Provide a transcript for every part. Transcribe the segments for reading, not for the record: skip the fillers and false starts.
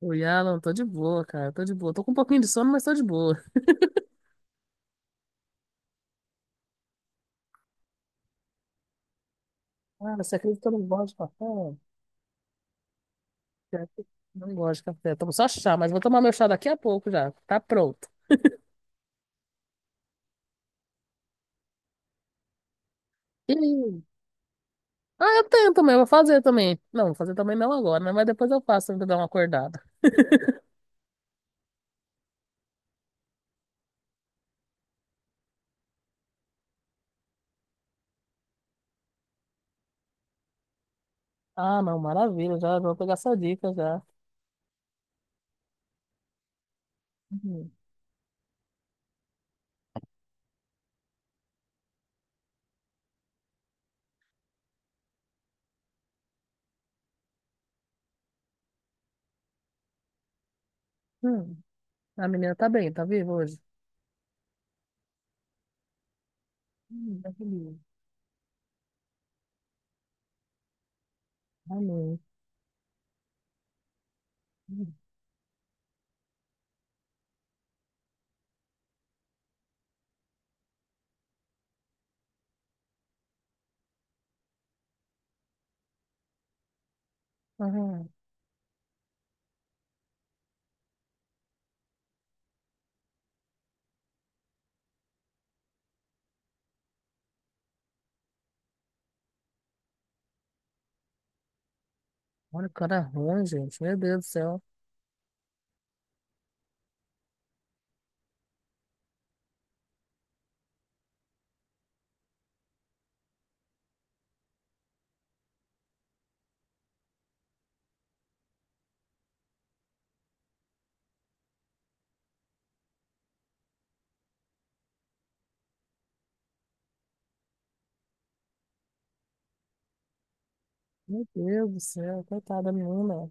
Oi, Alan, tô de boa, cara, tô de boa. Tô com um pouquinho de sono, mas tô de boa. Ah, você acredita que eu não gosto de café? Pior que eu não gosto de café. Tomo só chá, mas vou tomar meu chá daqui a pouco já. Tá pronto. E... Ah, eu tenho também, eu vou fazer também. Não, vou fazer também não agora, né? Mas depois eu faço, ainda dar uma acordada. Ah, não, maravilha, já vou pegar essa dica já. Uhum. Hum. A menina tá bem, tá viva hoje? Tá viva. Amém. Hum. Aham. Olha o cara ruim, gente. Meu Deus do céu. Meu Deus do céu, coitada da menina.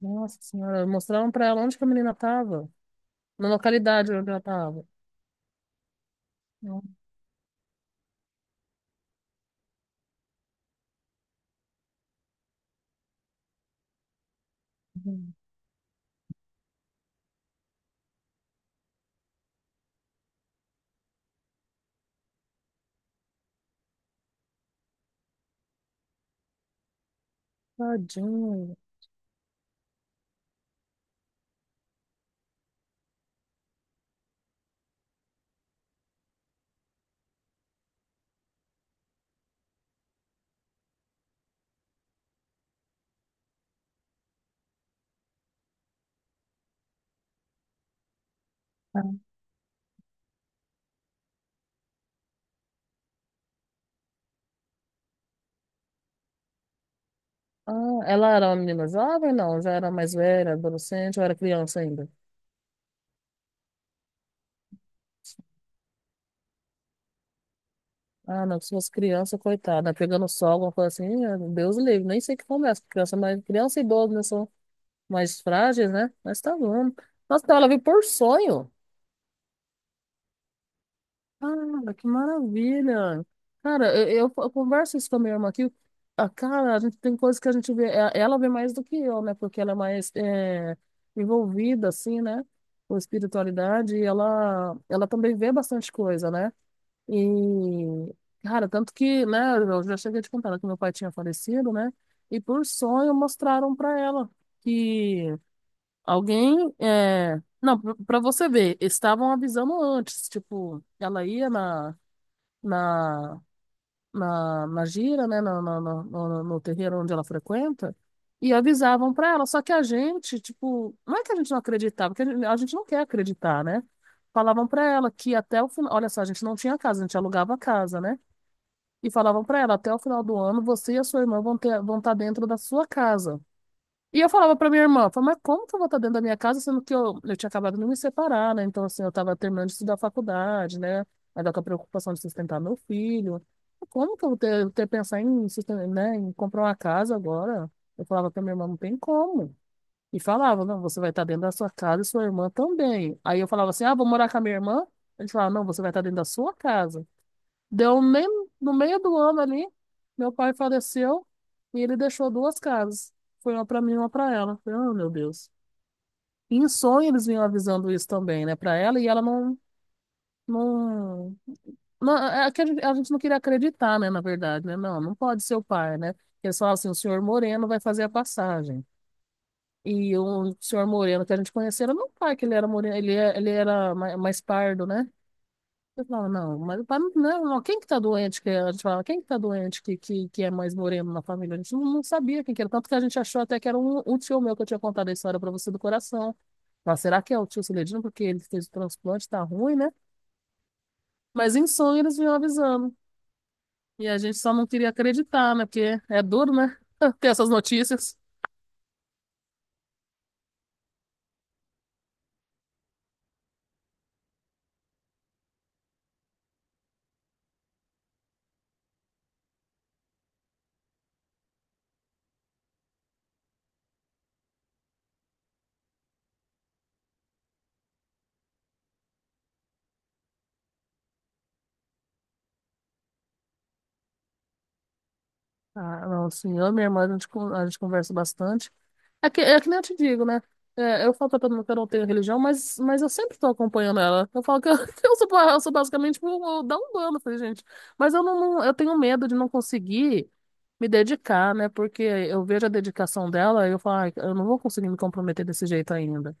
Nossa senhora, mostraram pra ela onde que a menina tava. Na localidade onde ela tava. Uhum. Tadinha. Ah, ela era uma menina jovem, não? Já era mais velha, adolescente, ou era criança ainda? Ah, não, se fosse criança, coitada, pegando sol, alguma coisa assim, Deus livre, nem sei que começa, criança, mas criança e idoso, né, são mais frágeis, né? Mas tá bom. Nossa, então ela veio por sonho. Cara, que maravilha! Cara, eu converso isso com a minha irmã aqui. Ah, cara, a gente tem coisas que a gente vê, ela vê mais do que eu, né? Porque ela é mais envolvida, assim, né? Com espiritualidade, e ela também vê bastante coisa, né? E, cara, tanto que, né? Eu já cheguei a te contar né, que meu pai tinha falecido, né? E por sonho mostraram pra ela que alguém, não, pra você ver, estavam avisando antes, tipo, ela ia na na, na gira, né, no terreiro onde ela frequenta, e avisavam para ela. Só que a gente, tipo, não é que a gente não acreditava, porque a gente não quer acreditar, né? Falavam para ela que até o final, olha só, a gente não tinha casa, a gente alugava a casa, né? E falavam para ela, até o final do ano, você e a sua irmã vão ter, vão estar dentro da sua casa. E eu falava pra minha irmã, falava, mas como que eu vou estar dentro da minha casa, sendo que eu tinha acabado de me separar, né? Então, assim, eu estava terminando de estudar faculdade, né? Ainda com a preocupação de sustentar meu filho. Como que eu vou ter, ter pensar em, susten- né, em comprar uma casa agora? Eu falava pra minha irmã, não tem como. E falava, não, você vai estar dentro da sua casa e sua irmã também. Aí eu falava assim, ah, vou morar com a minha irmã? Eles falavam, não, você vai estar dentro da sua casa. Deu nem no meio do ano ali, meu pai faleceu e ele deixou duas casas. Foi uma pra mim e uma pra ela. Falei, oh, meu Deus. E em sonho eles vinham avisando isso também, né, pra ela e ela não, não, não é que a gente não queria acreditar, né, na verdade, né? Não, não pode ser o pai, né? Eles falavam assim, o senhor Moreno vai fazer a passagem. E o senhor Moreno que a gente conhecia era meu pai, que ele era moreno, ele era mais pardo, né? Eu falo, não, mas pra mim, não, não, quem que tá doente? Que a gente fala, quem que tá doente que é mais moreno na família? A gente não, não sabia quem que era, tanto que a gente achou até que era um tio meu que eu tinha contado a história pra você do coração. Mas será que é o tio Celedino? Porque ele fez o transplante, tá ruim, né? Mas em sonho eles vinham avisando. E a gente só não queria acreditar, né? Porque é duro, né? Ter essas notícias. Ah, não, assim, eu e minha irmã, a gente conversa bastante. É que nem eu te digo, né? É, eu falo pra todo mundo que eu não tenho religião, mas eu sempre tô acompanhando ela. Eu falo que eu, que eu sou, eu sou basicamente um da falei, gente. Mas eu tenho medo de não conseguir me dedicar, né? Porque eu vejo a dedicação dela e eu falo, "Ai, eu não vou conseguir me comprometer desse jeito ainda.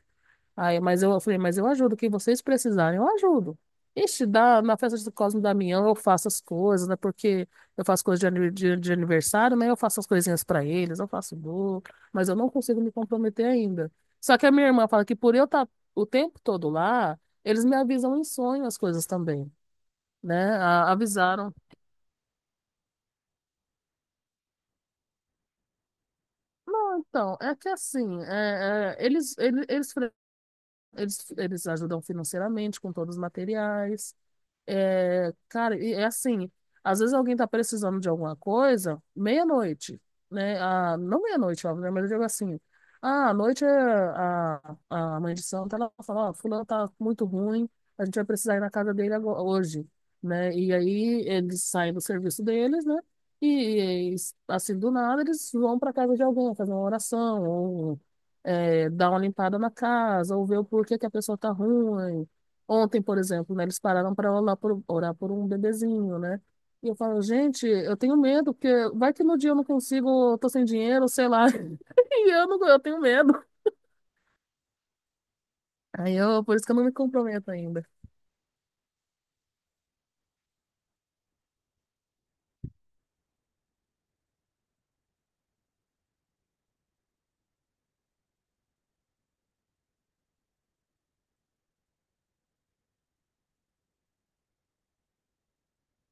Aí, mas eu falei, mas eu ajudo, o que vocês precisarem, eu ajudo. Ixi, dá, na festa do Cosmo e Damião eu faço as coisas, né? Porque eu faço coisas de, de aniversário, né? Eu faço as coisinhas pra eles, eu faço bolo, mas eu não consigo me comprometer ainda. Só que a minha irmã fala que por eu estar o tempo todo lá, eles me avisam em sonho as coisas também, né? Avisaram. Não, então, é que assim, eles ajudam financeiramente com todos os materiais. É, cara, e é assim, às vezes alguém tá precisando de alguma coisa, meia-noite, né? Ah, não meia-noite, óbvio, né? Mas eu digo assim, ah, à noite é a mãe de santo, ela fala, ó, fulano tá muito ruim, a gente vai precisar ir na casa dele agora, hoje, né? E aí eles saem do serviço deles, né? E, e, assim, do nada, eles vão pra casa de alguém, fazer uma oração, ou dar uma limpada na casa, ou ver o porquê que a pessoa tá ruim. Ontem, por exemplo, né, eles pararam para orar orar por um bebezinho, né? E eu falo, gente, eu tenho medo, porque vai que no dia eu não consigo, eu tô sem dinheiro, sei lá. E eu não, eu tenho medo. Por isso que eu não me comprometo ainda.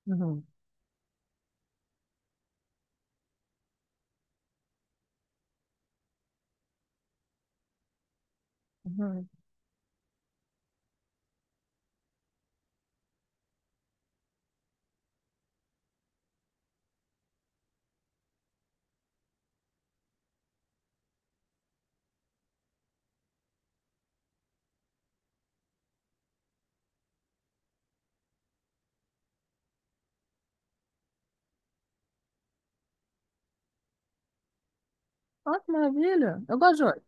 Uhum, uhum. Olha que maravilha. Eu gosto de olho.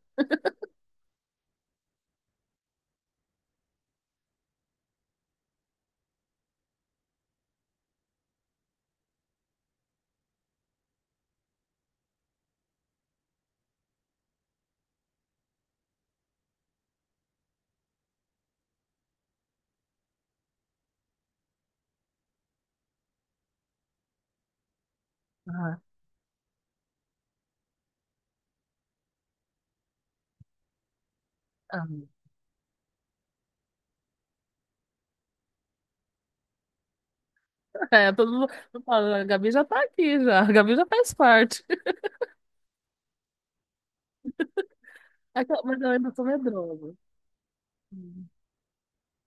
Ah, ah. É, todo mundo, eu falo, a Gabi já tá aqui já. A Gabi já faz parte. Mas eu ainda sou medrosa. Hum.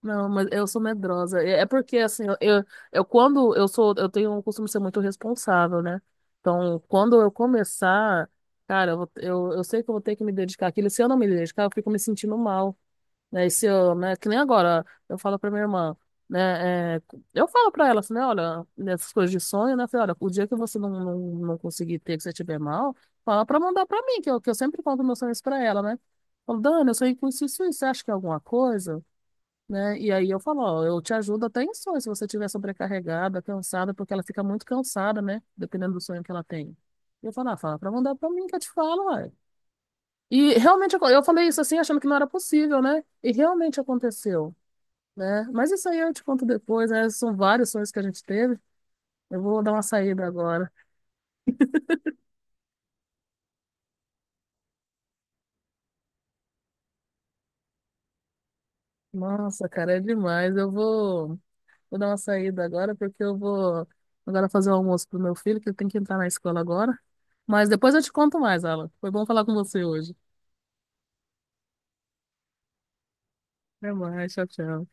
Não, mas eu sou medrosa. É porque, assim, eu quando eu tenho o costume de ser muito responsável, né? Então, quando eu começar, cara, eu sei que eu vou ter que me dedicar àquilo. Se eu não me dedicar, eu fico me sentindo mal né? se eu né? Que nem agora, eu falo pra minha irmã, né? Eu falo pra ela assim, né? Olha, nessas coisas de sonho, né? Eu falei, olha, o dia que você não, não, não conseguir ter, que você estiver mal, fala pra mandar pra mim, que eu sempre conto meus sonhos pra ela, né? Falo, Dani, eu sonhei com isso, isso, isso, você acha que é alguma coisa? Né? E aí eu falo, ó, eu te ajudo até em sonho, se você estiver sobrecarregada, cansada, porque ela fica muito cansada, né? Dependendo do sonho que ela tem. E eu falo, ah, fala pra mandar pra mim que eu te falo, ué. E realmente eu falei isso assim, achando que não era possível, né? E realmente aconteceu, né? Mas isso aí eu te conto depois, né? São vários sonhos que a gente teve. Eu vou dar uma saída agora. Nossa, cara, é demais. Vou dar uma saída agora porque eu vou agora fazer o almoço pro meu filho, que ele tem que entrar na escola agora. Mas depois eu te conto mais, Alan. Foi bom falar com você hoje. Até mais, tchau, tchau.